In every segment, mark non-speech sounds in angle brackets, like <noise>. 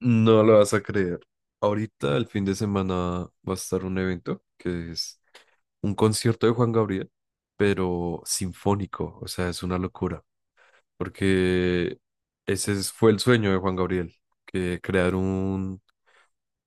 No lo vas a creer. Ahorita, el fin de semana, va a estar un evento que es un concierto de Juan Gabriel, pero sinfónico. O sea, es una locura. Porque fue el sueño de Juan Gabriel, que crear un,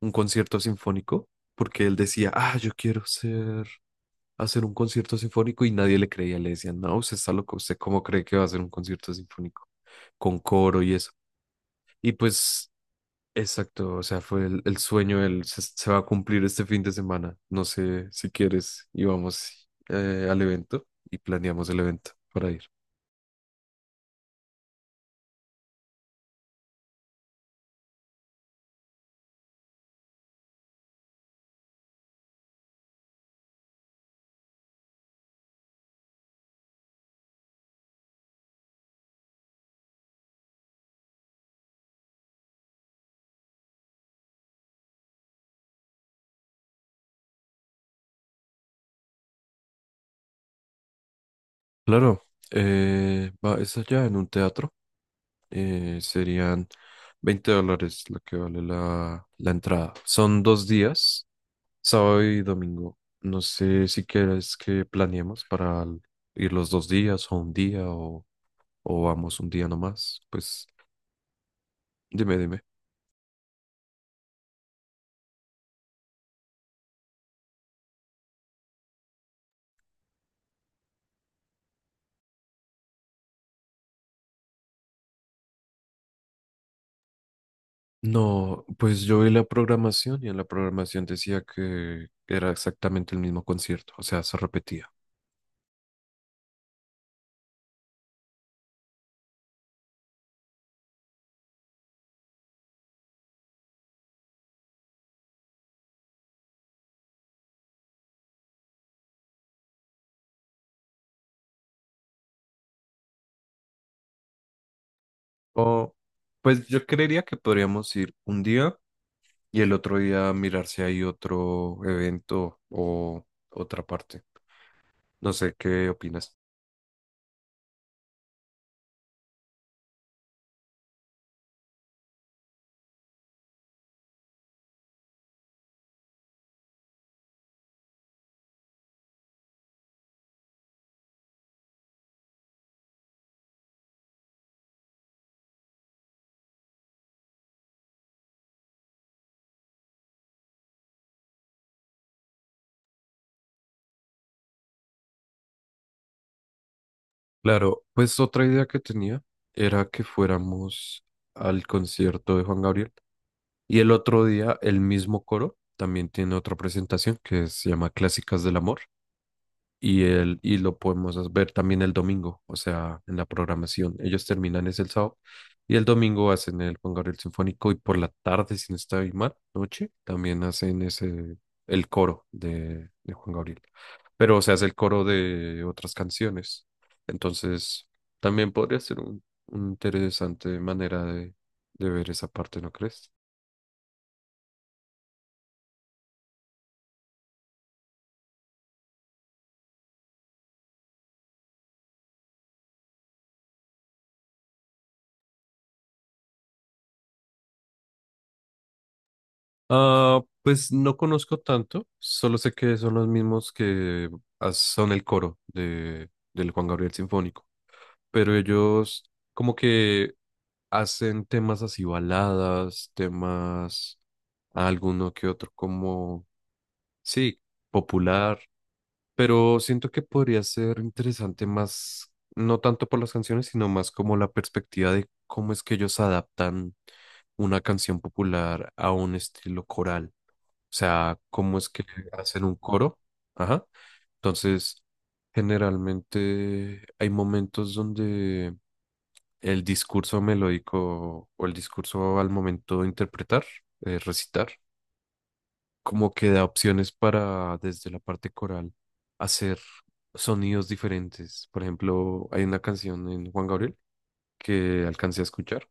un concierto sinfónico. Porque él decía, ah, yo quiero hacer un concierto sinfónico y nadie le creía. Le decían, no, usted está loco. ¿Usted cómo cree que va a hacer un concierto sinfónico? Con coro y eso. Y pues, exacto, o sea, fue el sueño, se va a cumplir este fin de semana. No sé si quieres y vamos al evento y planeamos el evento para ir. Claro, es allá en un teatro. Serían $20 lo que vale la entrada. Son dos días, sábado y domingo. No sé si quieres que planeemos para ir los dos días o un día o vamos un día nomás. Pues dime, dime. No, pues yo vi la programación y en la programación decía que era exactamente el mismo concierto, o sea, se repetía. O, pues yo creería que podríamos ir un día y el otro día mirar si hay otro evento o otra parte. No sé, ¿qué opinas? Claro, pues otra idea que tenía era que fuéramos al concierto de Juan Gabriel y el otro día el mismo coro también tiene otra presentación que se llama Clásicas del Amor. Y lo podemos ver también el domingo, o sea, en la programación. Ellos terminan es el sábado y el domingo hacen el Juan Gabriel Sinfónico y por la tarde, si no estoy mal, noche, también hacen el coro de Juan Gabriel. Pero, o sea, es el coro de otras canciones. Entonces, también podría ser un interesante manera de ver esa parte, ¿no crees? Ah, pues no conozco tanto, solo sé que son los mismos que son el coro del Juan Gabriel Sinfónico, pero ellos como que hacen temas así baladas, temas alguno que otro como, sí, popular, pero siento que podría ser interesante más, no tanto por las canciones, sino más como la perspectiva de cómo es que ellos adaptan una canción popular a un estilo coral. O sea, cómo es que hacen un coro. Ajá. Entonces, generalmente hay momentos donde el discurso melódico o el discurso al momento de interpretar, recitar, como que da opciones para desde la parte coral hacer sonidos diferentes. Por ejemplo, hay una canción en Juan Gabriel que alcancé a escuchar,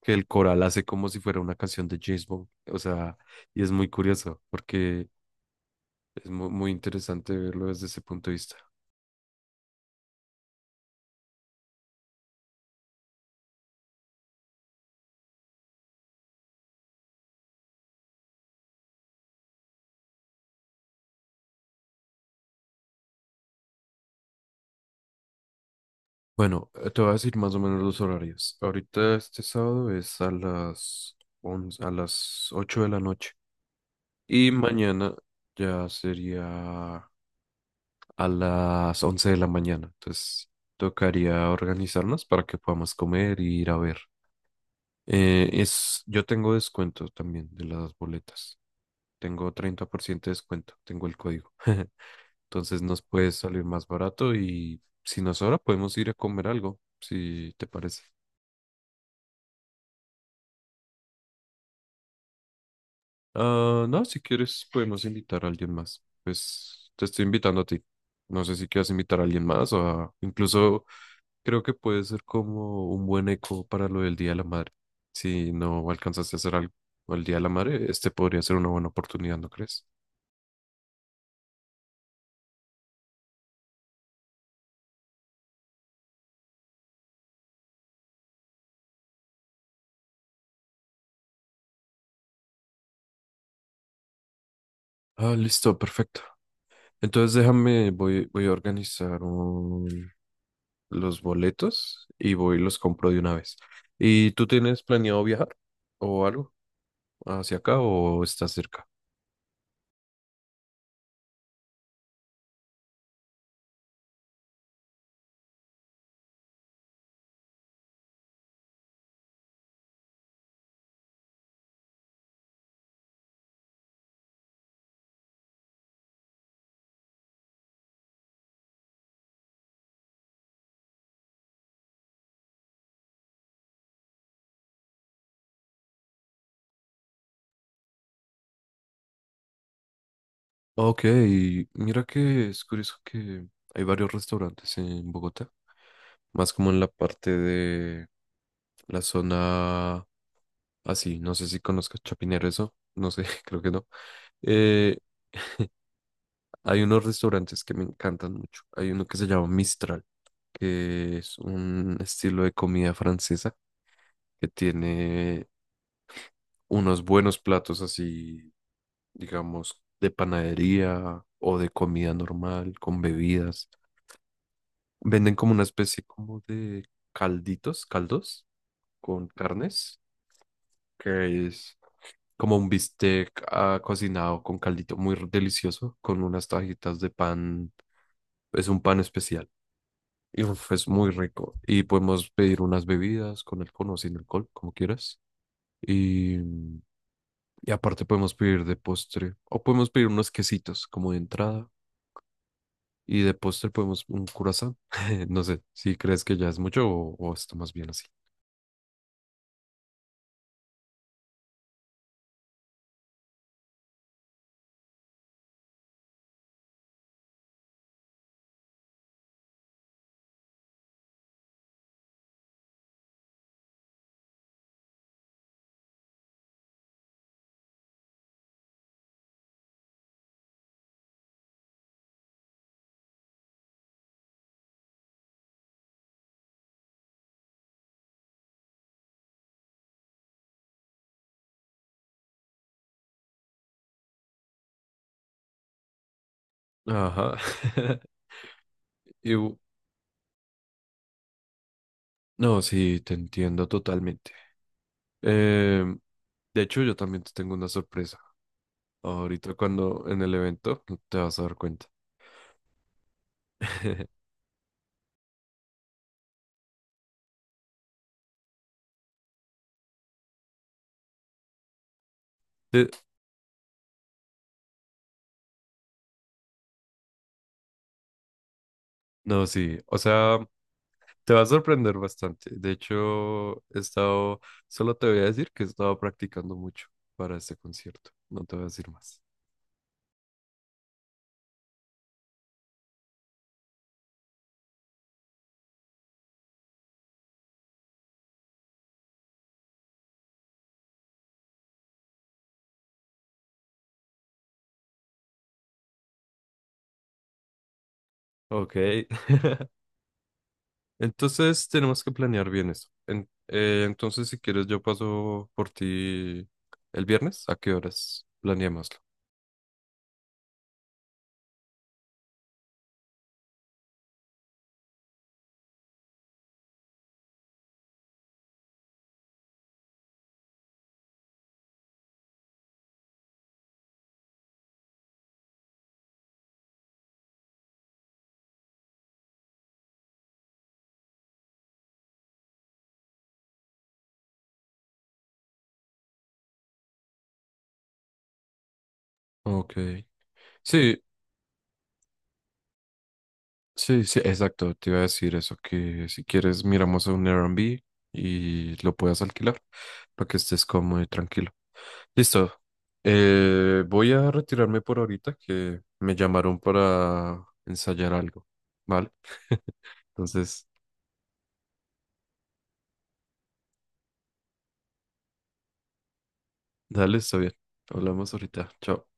que el coral hace como si fuera una canción de James Bond. O sea, y es muy curioso porque muy interesante verlo desde ese punto de vista. Bueno, te voy a decir más o menos los horarios. Ahorita este sábado es a las 8 de la noche y mañana ya sería a las 11 de la mañana. Entonces, tocaría organizarnos para que podamos comer y ir a ver. Yo tengo descuento también de las boletas. Tengo 30% de descuento, tengo el código. <laughs> Entonces nos puede salir más barato y si nos sobra podemos ir a comer algo, si te parece. Ah, no, si quieres podemos invitar a alguien más. Pues te estoy invitando a ti. No sé si quieres invitar a alguien más o incluso creo que puede ser como un buen eco para lo del Día de la Madre. Si no alcanzaste a hacer algo el Día de la Madre, este podría ser una buena oportunidad, ¿no crees? Ah, listo, perfecto. Entonces déjame, voy a organizar los boletos y voy y los compro de una vez. ¿Y tú tienes planeado viajar o algo hacia acá o estás cerca? Ok, mira que es curioso que hay varios restaurantes en Bogotá, más como en la parte de la zona así, no sé si conozcas Chapinero eso, no sé, <laughs> creo que no. Eh, Hay unos restaurantes que me encantan mucho. Hay uno que se llama Mistral, que es un estilo de comida francesa que tiene unos buenos platos así, digamos, de panadería o de comida normal, con bebidas. Venden como una especie como de calditos, caldos con carnes, que es como un bistec cocinado con caldito muy delicioso, con unas tajitas de pan. Es un pan especial. Y uf, es muy rico. Y podemos pedir unas bebidas con alcohol o sin alcohol, como quieras. Y, mm, y aparte podemos pedir de postre. O podemos pedir unos quesitos como de entrada. Y de postre podemos un curazao. <laughs> No sé si crees que ya es mucho o está más bien así. Ajá. <laughs> Y u- no, sí, te entiendo totalmente. Em, de hecho, yo también te tengo una sorpresa. Ahorita cuando en el evento te vas a dar cuenta. Te- no, sí. O sea. Te va a sorprender bastante. De hecho, solo te voy a decir que he estado practicando mucho para este concierto. No te voy a decir más. Ok. <laughs> Entonces, tenemos que planear bien eso. Entonces, si quieres, yo paso por ti el viernes. ¿A qué horas? Planeémoslo. Ok. Sí, sí, sí, exacto. Te iba a decir eso, que si quieres, miramos a un Airbnb y lo puedas alquilar para que estés cómodo y tranquilo. Listo. Voy a retirarme por ahorita que me llamaron para ensayar algo. ¿Vale? <laughs> Entonces, dale, está bien. Hablamos ahorita. Chao.